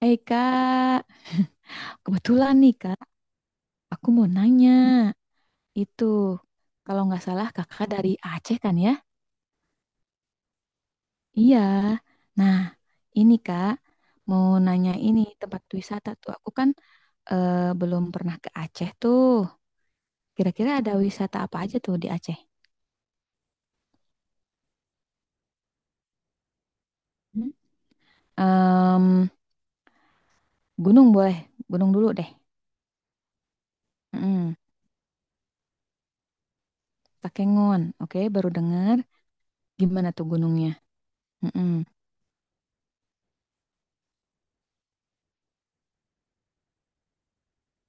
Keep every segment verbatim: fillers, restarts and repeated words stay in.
Hai Kak, kebetulan nih Kak, aku mau nanya itu. Kalau nggak salah Kakak dari Aceh kan ya? Iya. Nah, ini Kak, mau nanya ini tempat wisata tuh. Aku kan eh, belum pernah ke Aceh tuh. Kira-kira ada wisata apa aja tuh di Aceh? Hmm? Em, Gunung boleh, gunung dulu deh. Mm-mm. Takengon, oke, baru dengar. Gimana tuh gunungnya? Mm-mm.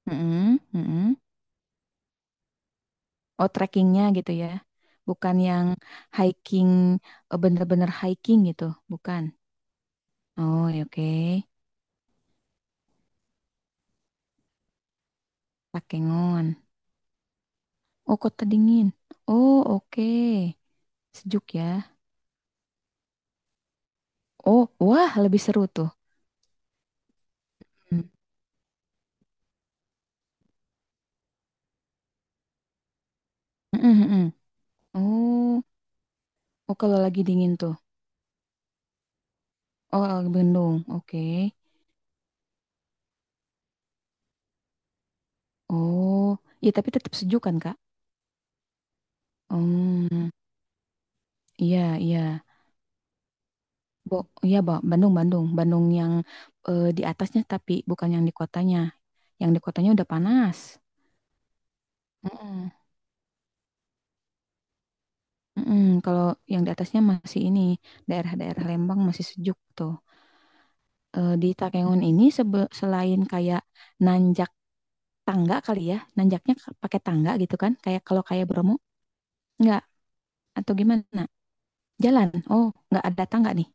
Mm-mm. Mm-mm. Oh, trekkingnya gitu ya. Bukan yang hiking, eh, bener-bener hiking gitu. Bukan. Oh, ya oke. Takengon. Oh, Kota Dingin. Oh, oke. Sejuk ya. Oh, wah, lebih seru tuh. Hmm. Mm, mm, mm. Oh, oh kalau lagi dingin tuh. Oh, lagi bendung. Oke. Oh, ya tapi tetap sejuk kan, Kak? Hmm, iya, iya. Bo, iya, Bo. Bandung, Bandung. Bandung yang eh, di atasnya tapi bukan yang di kotanya. Yang di kotanya udah panas. Mm-mm. Mm-mm. Kalau yang di atasnya masih ini, daerah-daerah Lembang masih sejuk tuh. Eh, di Takengon ini sebe- selain kayak nanjak tangga kali ya, nanjaknya k- pakai tangga gitu kan, kayak kalau kayak Bromo, enggak atau gimana? Jalan. Oh, nggak ada tangga nih.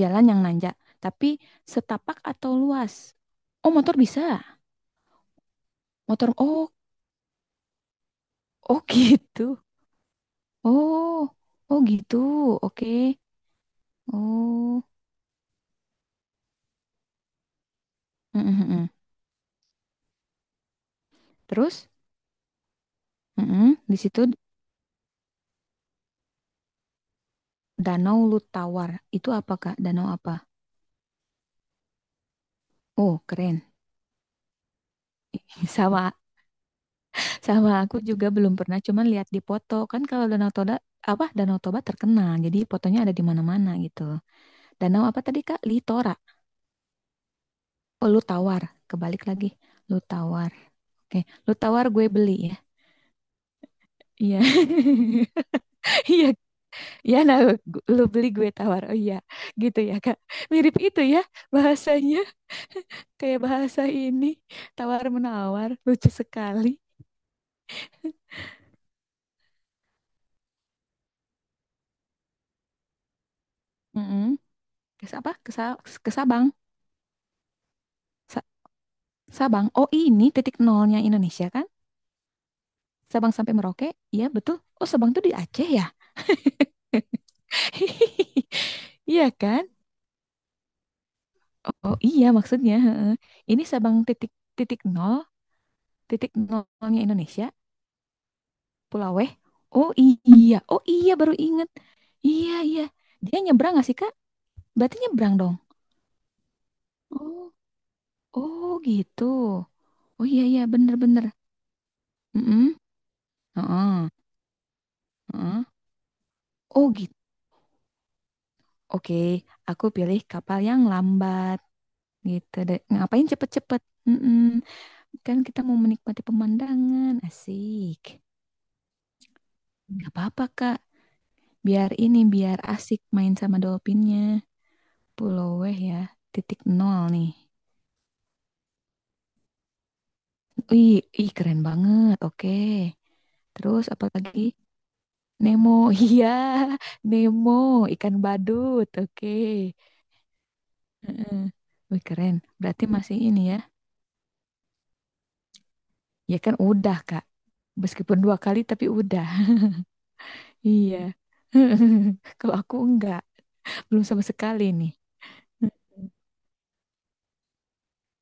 Jalan yang nanjak, tapi setapak atau luas. Oh, motor bisa. Motor oh, oh gitu. Oh, oh gitu. Oke. Oh. Mm, mm, mm. Terus mm-mm, di situ Danau Lutawar. Itu apa, Kak? Danau apa? Oh, keren. Sama, sama aku juga belum pernah, cuman lihat di foto. Kan kalau Danau Toba, apa Danau Toba terkenal. Jadi fotonya ada di mana-mana gitu. Danau apa tadi, Kak? Litora. Oh, Lutawar. Kebalik lagi. Lutawar. Oke, Lutawar gue beli ya. Iya. Iya, iya nah, lu beli gue tawar. Oh iya, gitu ya, Kak. Mirip itu ya bahasanya. Kayak bahasa ini tawar-menawar lucu sekali. Mm-mm. Kes apa? Ke, ke Sabang. Sa- Sabang. Oh, ini titik nolnya Indonesia kan? Sabang sampai Merauke. Iya, betul. Oh, Sabang tuh di Aceh ya? Iya kan? Oh, oh, iya maksudnya. Heeh. Ini Sabang titik, titik nol, titik nolnya Indonesia, Pulaweh. Oh iya, oh iya baru inget. Iya iya. Dia nyebrang nggak sih Kak? Berarti nyebrang dong. Oh, oh gitu. Oh iya iya bener-bener. Mhm, heeh, heeh. Oh gitu. Oke, aku pilih kapal yang lambat gitu deh. Ngapain cepet-cepet? Mm-mm. Kan kita mau menikmati pemandangan, asik. Gak apa-apa Kak, biar ini biar asik main sama dolphinnya. Pulau Weh ya, titik nol nih. Ih, ih keren banget. Oke. Terus apalagi Nemo, iya Nemo ikan badut, oke. Heeh. Wih keren. Berarti masih ini ya. Ya kan udah Kak. Meskipun dua kali tapi udah. Iya. Kalau aku enggak, belum sama sekali nih.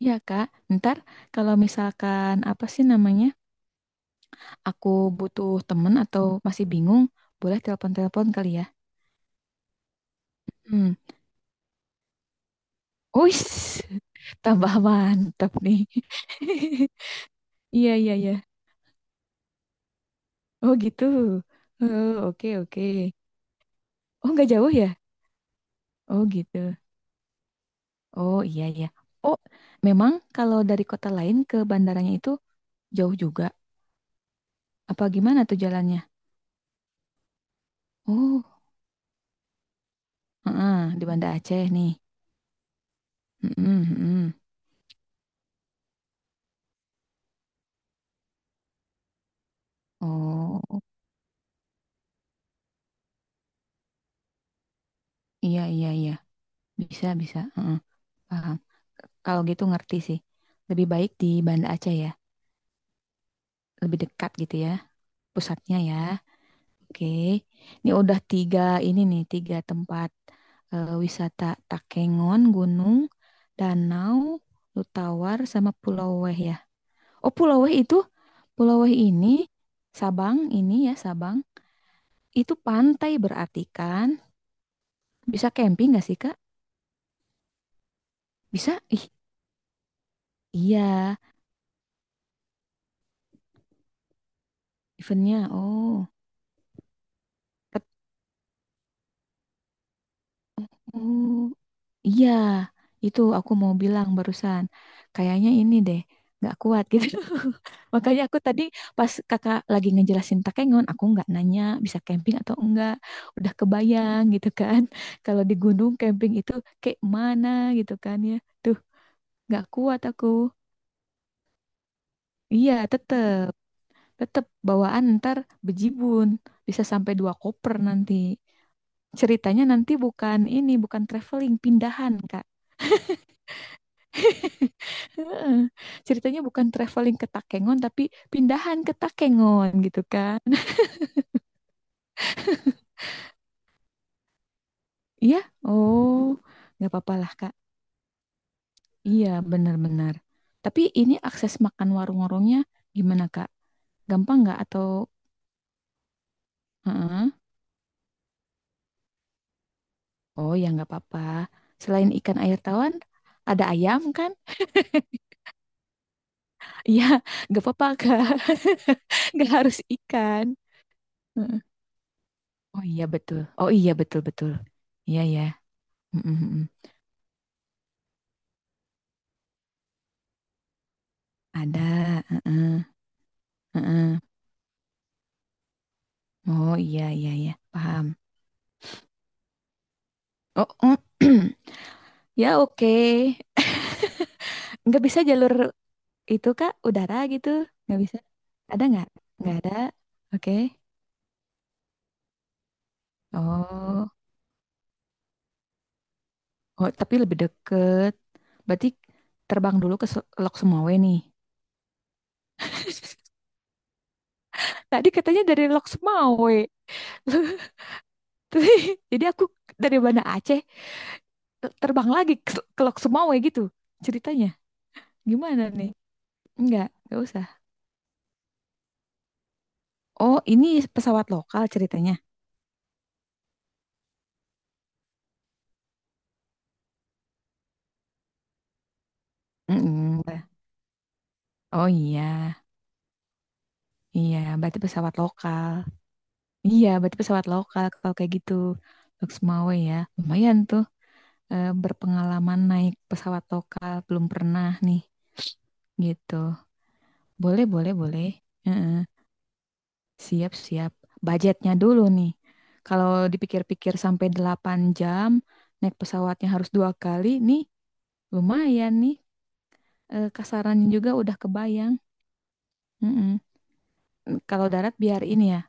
Iya Kak, ntar kalau misalkan apa sih namanya, aku butuh temen atau masih bingung, boleh telepon-telepon kali ya. Hmm. Uish, tambah mantap nih. Iya, iya, iya. Oh gitu. Oh, oke, oke. Oh, nggak jauh ya? Oh gitu. Oh iya iya. Oh, memang kalau dari kota lain ke bandaranya itu jauh juga. Apa gimana tuh jalannya? Oh, heeh, di Banda Aceh nih. Mm-mm, mm-mm. Oh, iya iya iya. Bisa bisa. Heeh, paham. Kalau gitu ngerti sih. Lebih baik di Banda Aceh ya. Lebih dekat gitu ya, pusatnya ya. Oke. Ini udah tiga ini nih, tiga tempat eh, wisata Takengon, gunung, danau, Lutawar sama Pulau Weh ya. Oh, Pulau Weh itu, Pulau Weh ini, Sabang ini ya, Sabang, itu pantai berarti kan? Bisa camping nggak sih, Kak? Bisa? Ih, iya, eventnya. Oh, Ket- oh, iya, itu aku mau bilang barusan. Kayaknya ini deh, nggak kuat gitu. Makanya aku tadi pas kakak lagi ngejelasin Takengon, aku nggak nanya bisa camping atau enggak. Udah kebayang gitu kan. Kalau di gunung camping itu kayak mana gitu kan ya. Tuh nggak kuat aku. Iya, tetep, tetep bawaan ntar bejibun. Bisa sampai dua koper nanti. Ceritanya nanti bukan ini, bukan traveling, pindahan, Kak. Heeh. Ceritanya bukan traveling ke Takengon, tapi pindahan ke Takengon gitu kan. Iya, oh, nggak apa-apa lah, Kak. Iya, benar-benar. Tapi ini akses makan warung-warungnya gimana, Kak? Gampang nggak atau... Heeh. Oh, ya nggak apa-apa. Selain ikan air tawar, ada ayam kan? Iya, nggak apa-apa Kak. Nggak harus ikan. Heeh. Oh iya betul. Oh iya betul betul. Iya ya. Mm, mm, mm. Ada. Heeh, heeh. Oh iya iya iya. Paham. Oh ya oke. Nggak bisa jalur itu Kak. Udara gitu. Nggak bisa. Ada nggak? Nggak ada. Oke. Oh. Oh tapi lebih deket. Berarti terbang dulu ke Se- Lok Sumawe nih. Tadi katanya dari Lok Sumawe. Jadi aku dari Banda Aceh ter- terbang lagi ke, ke Lok Sumawe gitu ceritanya. Gimana nih? Enggak, enggak usah. Oh, ini pesawat lokal ceritanya. Mm-mm. Oh iya, iya berarti pesawat lokal. Iya, berarti pesawat lokal kalau kayak gitu. Lok Sumawe ya. Lumayan tuh eh, berpengalaman naik pesawat lokal belum pernah nih gitu. Boleh, boleh, boleh. Heeh. Siap-siap. Budgetnya dulu nih. Kalau dipikir-pikir sampai delapan jam, naik pesawatnya harus dua kali, nih lumayan nih. Eh, kasarannya juga udah kebayang. Mm-mm. Kalau darat biar ini ya.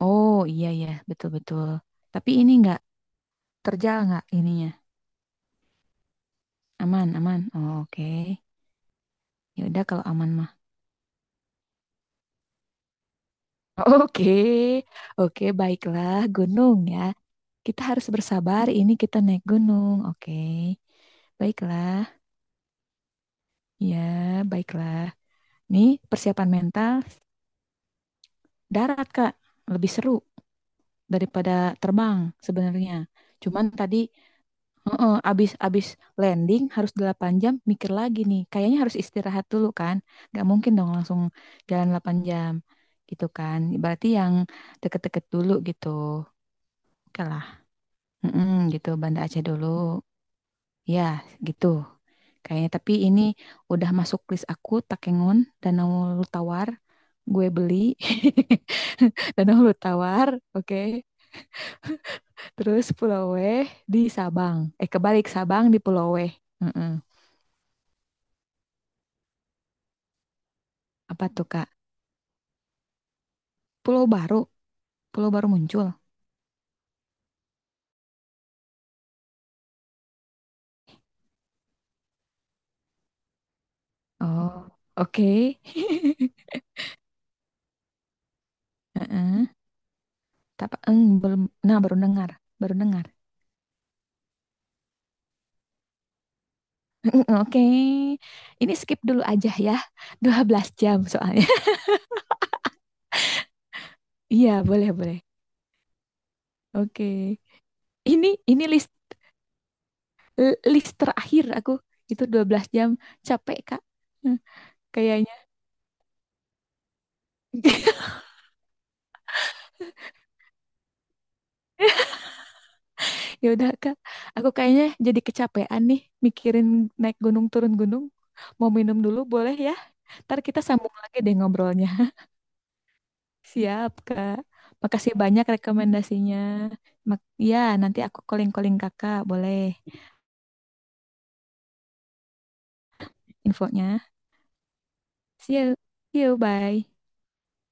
Oh iya ya, betul-betul. Tapi ini nggak terjal nggak ininya? Aman, aman. Oh, oke. Ya udah kalau aman mah. Oke, oke, baiklah gunung ya. Kita harus bersabar. Ini kita naik gunung. Oke, baiklah. Ya, baiklah. Nih, persiapan mental darat, Kak. Lebih seru daripada terbang sebenarnya. Cuman tadi heeh, abis, abis landing harus delapan jam mikir lagi nih. Kayaknya harus istirahat dulu kan. Gak mungkin dong langsung jalan delapan jam gitu kan. Berarti yang deket-deket dulu gitu. Oke lah. Mm-mm, gitu, Banda Aceh dulu. Ya, gitu. Kayaknya tapi ini udah masuk list aku Takengon Danau Tawar gue beli. Danau Tawar, oke. Terus Pulau Weh di Sabang. Eh kebalik Sabang di Pulau Weh. Mm-mm. Apa tuh Kak? Pulau Baru, Pulau Baru muncul. Oh, oke. Heeh. Tapi eng belum. Nah baru dengar, baru dengar. Oke, ini skip dulu aja ya. Dua belas jam soalnya. Iya, boleh, boleh. Oke. Ini ini list l- list terakhir aku itu dua belas jam, capek Kak. Hmm, kayaknya. Ya udah Kak, aku kayaknya jadi kecapean nih mikirin naik gunung turun gunung. Mau minum dulu boleh ya? Ntar kita sambung lagi deh ngobrolnya. Siap Kak. Makasih banyak rekomendasinya. Mak- ya, nanti aku calling-calling Kakak, boleh infonya. See you. See you, bye.